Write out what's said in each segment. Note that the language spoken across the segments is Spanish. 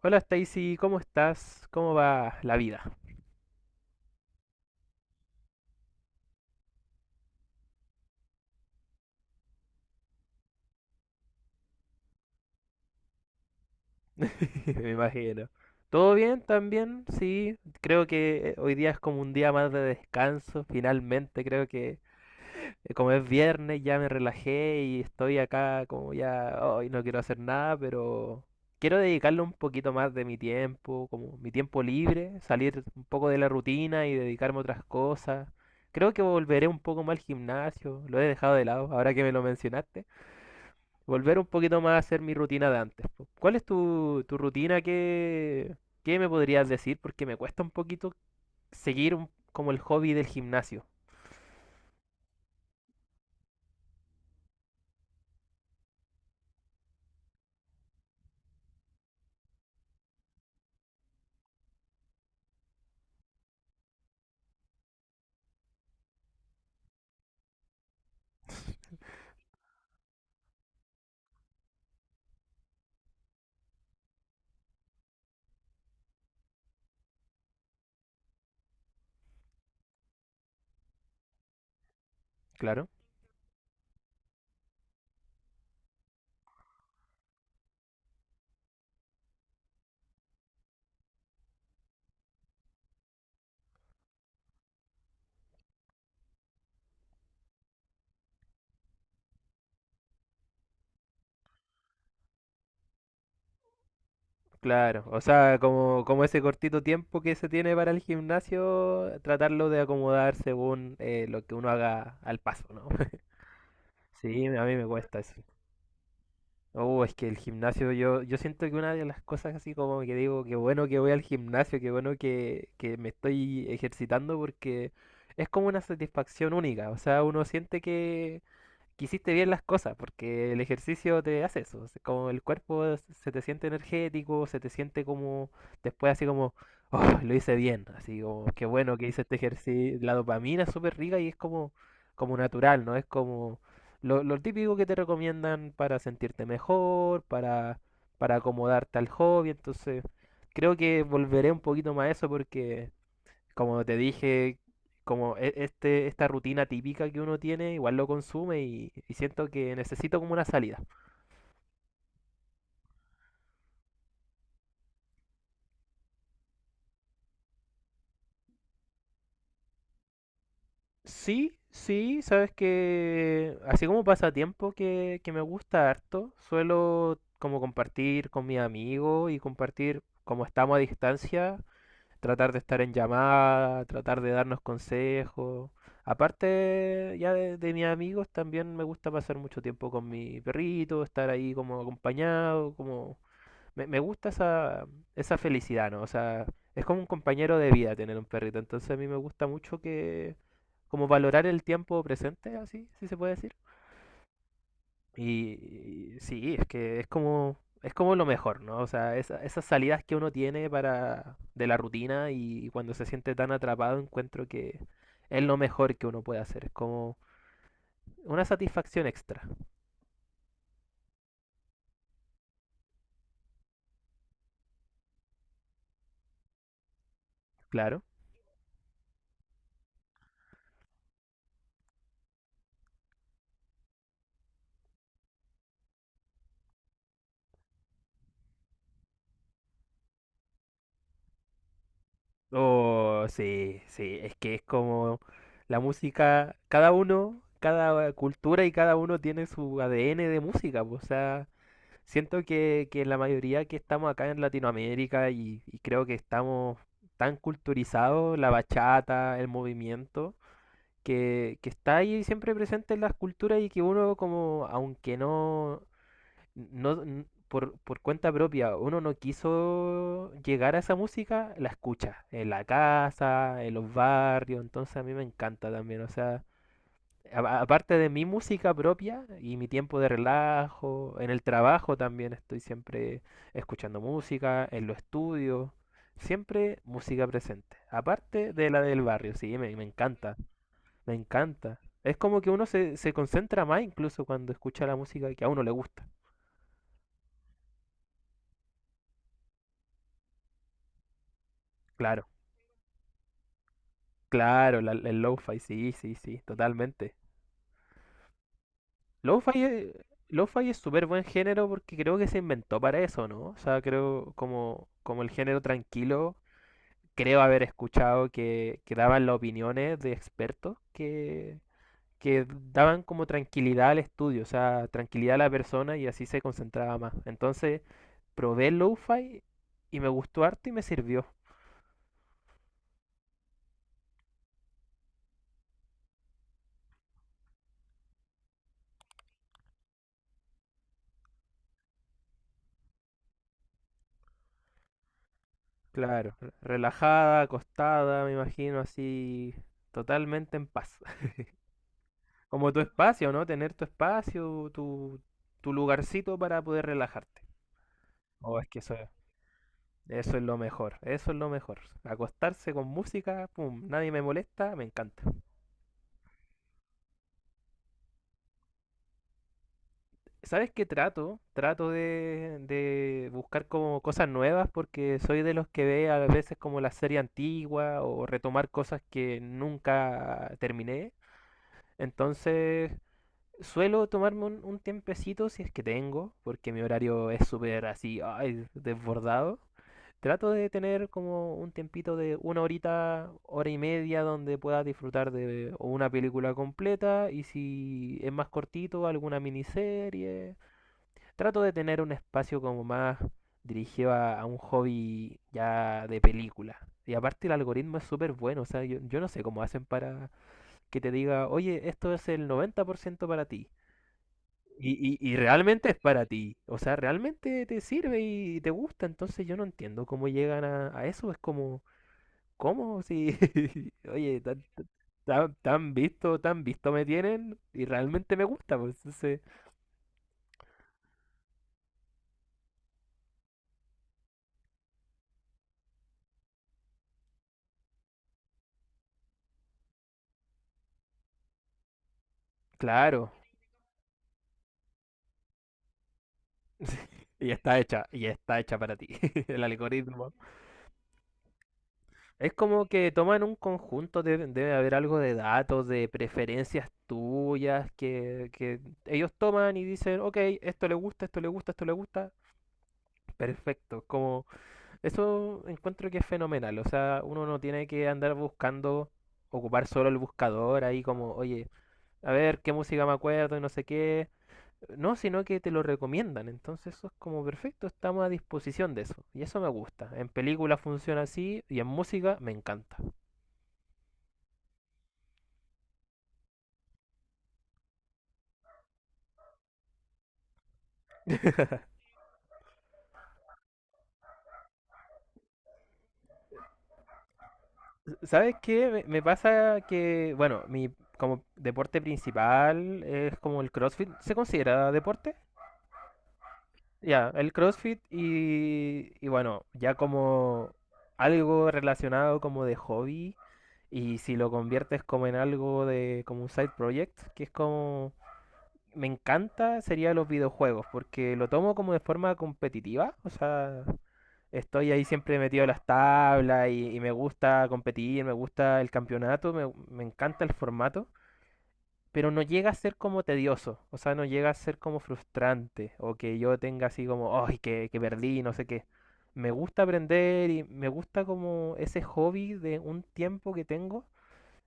Hola Stacy, ¿cómo estás? ¿Cómo va la vida? Me imagino. ¿Todo bien también? Sí, creo que hoy día es como un día más de descanso, finalmente. Creo que como es viernes ya me relajé y estoy acá como ya, hoy no quiero hacer nada, pero quiero dedicarle un poquito más de mi tiempo, como mi tiempo libre, salir un poco de la rutina y dedicarme a otras cosas. Creo que volveré un poco más al gimnasio, lo he dejado de lado ahora que me lo mencionaste. Volver un poquito más a hacer mi rutina de antes. Po. ¿Cuál es tu rutina? ¿Qué, qué me podrías decir? Porque me cuesta un poquito como el hobby del gimnasio. Claro. Claro, o sea, como ese cortito tiempo que se tiene para el gimnasio, tratarlo de acomodar según lo que uno haga al paso, ¿no? Sí, a mí me cuesta eso. Oh, es que el gimnasio, yo siento que una de las cosas así como que digo, qué bueno que voy al gimnasio, qué bueno que me estoy ejercitando porque es como una satisfacción única, o sea, uno siente que hiciste bien las cosas, porque el ejercicio te hace eso, es como se te siente energético, se te siente como después así como, oh, lo hice bien, así como, qué bueno que hice este ejercicio, la dopamina es súper rica y es como, como natural, ¿no? Es como lo típico que te recomiendan para sentirte mejor, para acomodarte al hobby, entonces creo que volveré un poquito más a eso porque... Como te dije, como este, esta rutina típica que uno tiene, igual lo consume y siento que necesito como una salida. Sí, sí, sabes que así como pasatiempo que me gusta harto, suelo como compartir con mi amigo y compartir como estamos a distancia, tratar de estar en llamada, tratar de darnos consejos. Aparte ya de mis amigos, también me gusta pasar mucho tiempo con mi perrito, estar ahí como acompañado, como me gusta esa, esa felicidad, ¿no? O sea, es como un compañero de vida tener un perrito. Entonces a mí me gusta mucho que, como valorar el tiempo presente, así, si se puede decir. Y, y sí, es que es como lo mejor, ¿no? O sea, esas salidas que uno tiene para, de la rutina y cuando se siente tan atrapado, encuentro que es lo mejor que uno puede hacer. Es como una satisfacción extra, claro. Oh, sí, sí, es que es como la música, cada uno, cada cultura y cada uno tiene su ADN de música, pues, o sea, siento que la mayoría que estamos acá en Latinoamérica y creo que estamos tan culturizados, la bachata, el movimiento, que está ahí siempre presente en las culturas y que uno como, aunque no, no, n- por cuenta propia, uno no quiso llegar a esa música, la escucha en la casa, en los barrios, entonces a mí me encanta también, o sea, aparte de mi música propia y mi tiempo de relajo, en el trabajo también estoy siempre escuchando música, en los estudios, siempre música presente, aparte de la del barrio, sí, me encanta, me encanta. Es como que uno se concentra más incluso cuando escucha la música que a uno le gusta, claro. Claro, la- el lo-fi, sí, sí, sí, totalmente. Lo-fi es súper buen género porque creo que se inventó para eso, ¿no? O sea, creo como, como el género tranquilo, creo haber escuchado que daban las opiniones de expertos que daban como tranquilidad al estudio, o sea, tranquilidad a la persona y así se concentraba más. Entonces, probé el lo-fi y me gustó harto y me sirvió. Claro, relajada, acostada, me imagino así, totalmente en paz. Como tu espacio, ¿no? Tener tu espacio, tu lugarcito para poder relajarte. Oh, es que eso es lo mejor, eso es lo mejor. Acostarse con música, pum, nadie me molesta, me encanta. ¿Sabes qué trato? Trato de buscar como cosas nuevas porque soy de los que ve a veces como la serie antigua o retomar cosas que nunca terminé. Entonces, suelo tomarme un tiempecito si es que tengo, porque mi horario es súper así, ay, desbordado. Trato de tener como un tiempito de una horita, hora y media donde pueda disfrutar de o una película completa y si es más cortito, alguna miniserie. Trato de tener un espacio como más dirigido a un hobby ya de película. Y aparte el algoritmo es súper bueno, o sea, yo no sé cómo hacen para que te diga, oye, esto es el 90% para ti. Y realmente es para ti, o sea, realmente te sirve y te gusta, entonces yo no entiendo cómo llegan a eso, es como, ¿cómo? Si, oye, tan visto, tan visto me tienen y realmente me gusta, pues entonces, claro, y está hecha para ti, el algoritmo. Es como que toman un conjunto, debe haber algo de datos, de preferencias tuyas, que ellos toman y dicen, ok, esto le gusta, esto le gusta, esto le gusta, perfecto, como eso encuentro que es fenomenal. O sea, uno no tiene que andar buscando, ocupar solo el buscador ahí como, oye, a ver qué música me acuerdo y no sé qué. No, sino que te lo recomiendan. Entonces eso es como perfecto, estamos a disposición de eso. Y eso me gusta. En películas funciona así y en música me encanta. ¿Sabes qué? Me pasa que, bueno, mi como deporte principal es como el CrossFit. ¿Se considera deporte? Ya, el CrossFit y bueno, ya como algo relacionado como de hobby y si lo conviertes como en algo de como un side project, que es como me encanta, sería los videojuegos, porque lo tomo como de forma competitiva, o sea, estoy ahí siempre metido en las tablas y me gusta competir, me gusta el campeonato, me encanta el formato pero no llega a ser como tedioso, o sea, no llega a ser como frustrante o que yo tenga así como, ay, que perdí, no sé qué. Me gusta aprender y me gusta como ese hobby de un tiempo que tengo,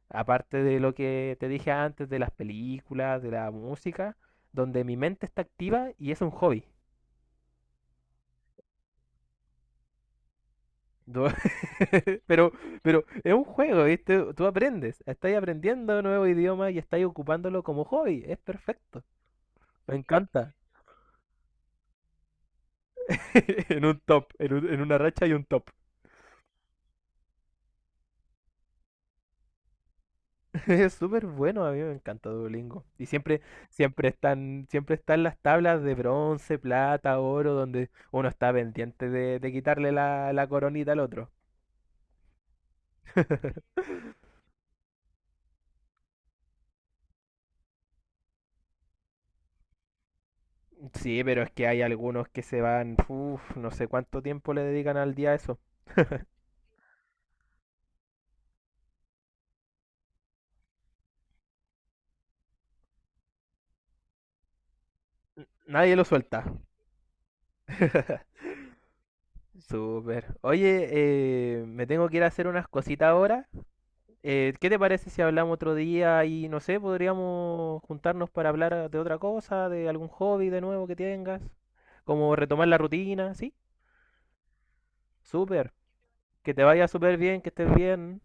aparte de lo que te dije antes de las películas, de la música, donde mi mente está activa y es un hobby. Do- Pero, pero es un juego, ¿viste? Tú aprendes, estás aprendiendo un nuevo idioma y estás ocupándolo como hobby, es perfecto. Me encanta. En un top, en, en una racha y un top. Es súper bueno, a mí me encanta Duolingo. Y siempre, siempre están las tablas de bronce, plata, oro, donde uno está pendiente de quitarle la coronita al otro. Sí, pero es que hay algunos que se van, uf, no sé cuánto tiempo le dedican al día a eso. Nadie lo suelta. Súper. Oye, me tengo que ir a hacer unas cositas ahora. ¿Qué te parece si hablamos otro día y no sé, podríamos juntarnos para hablar de otra cosa, de algún hobby de nuevo que tengas? Como retomar la rutina, ¿sí? Súper. Que te vaya súper bien, que estés bien.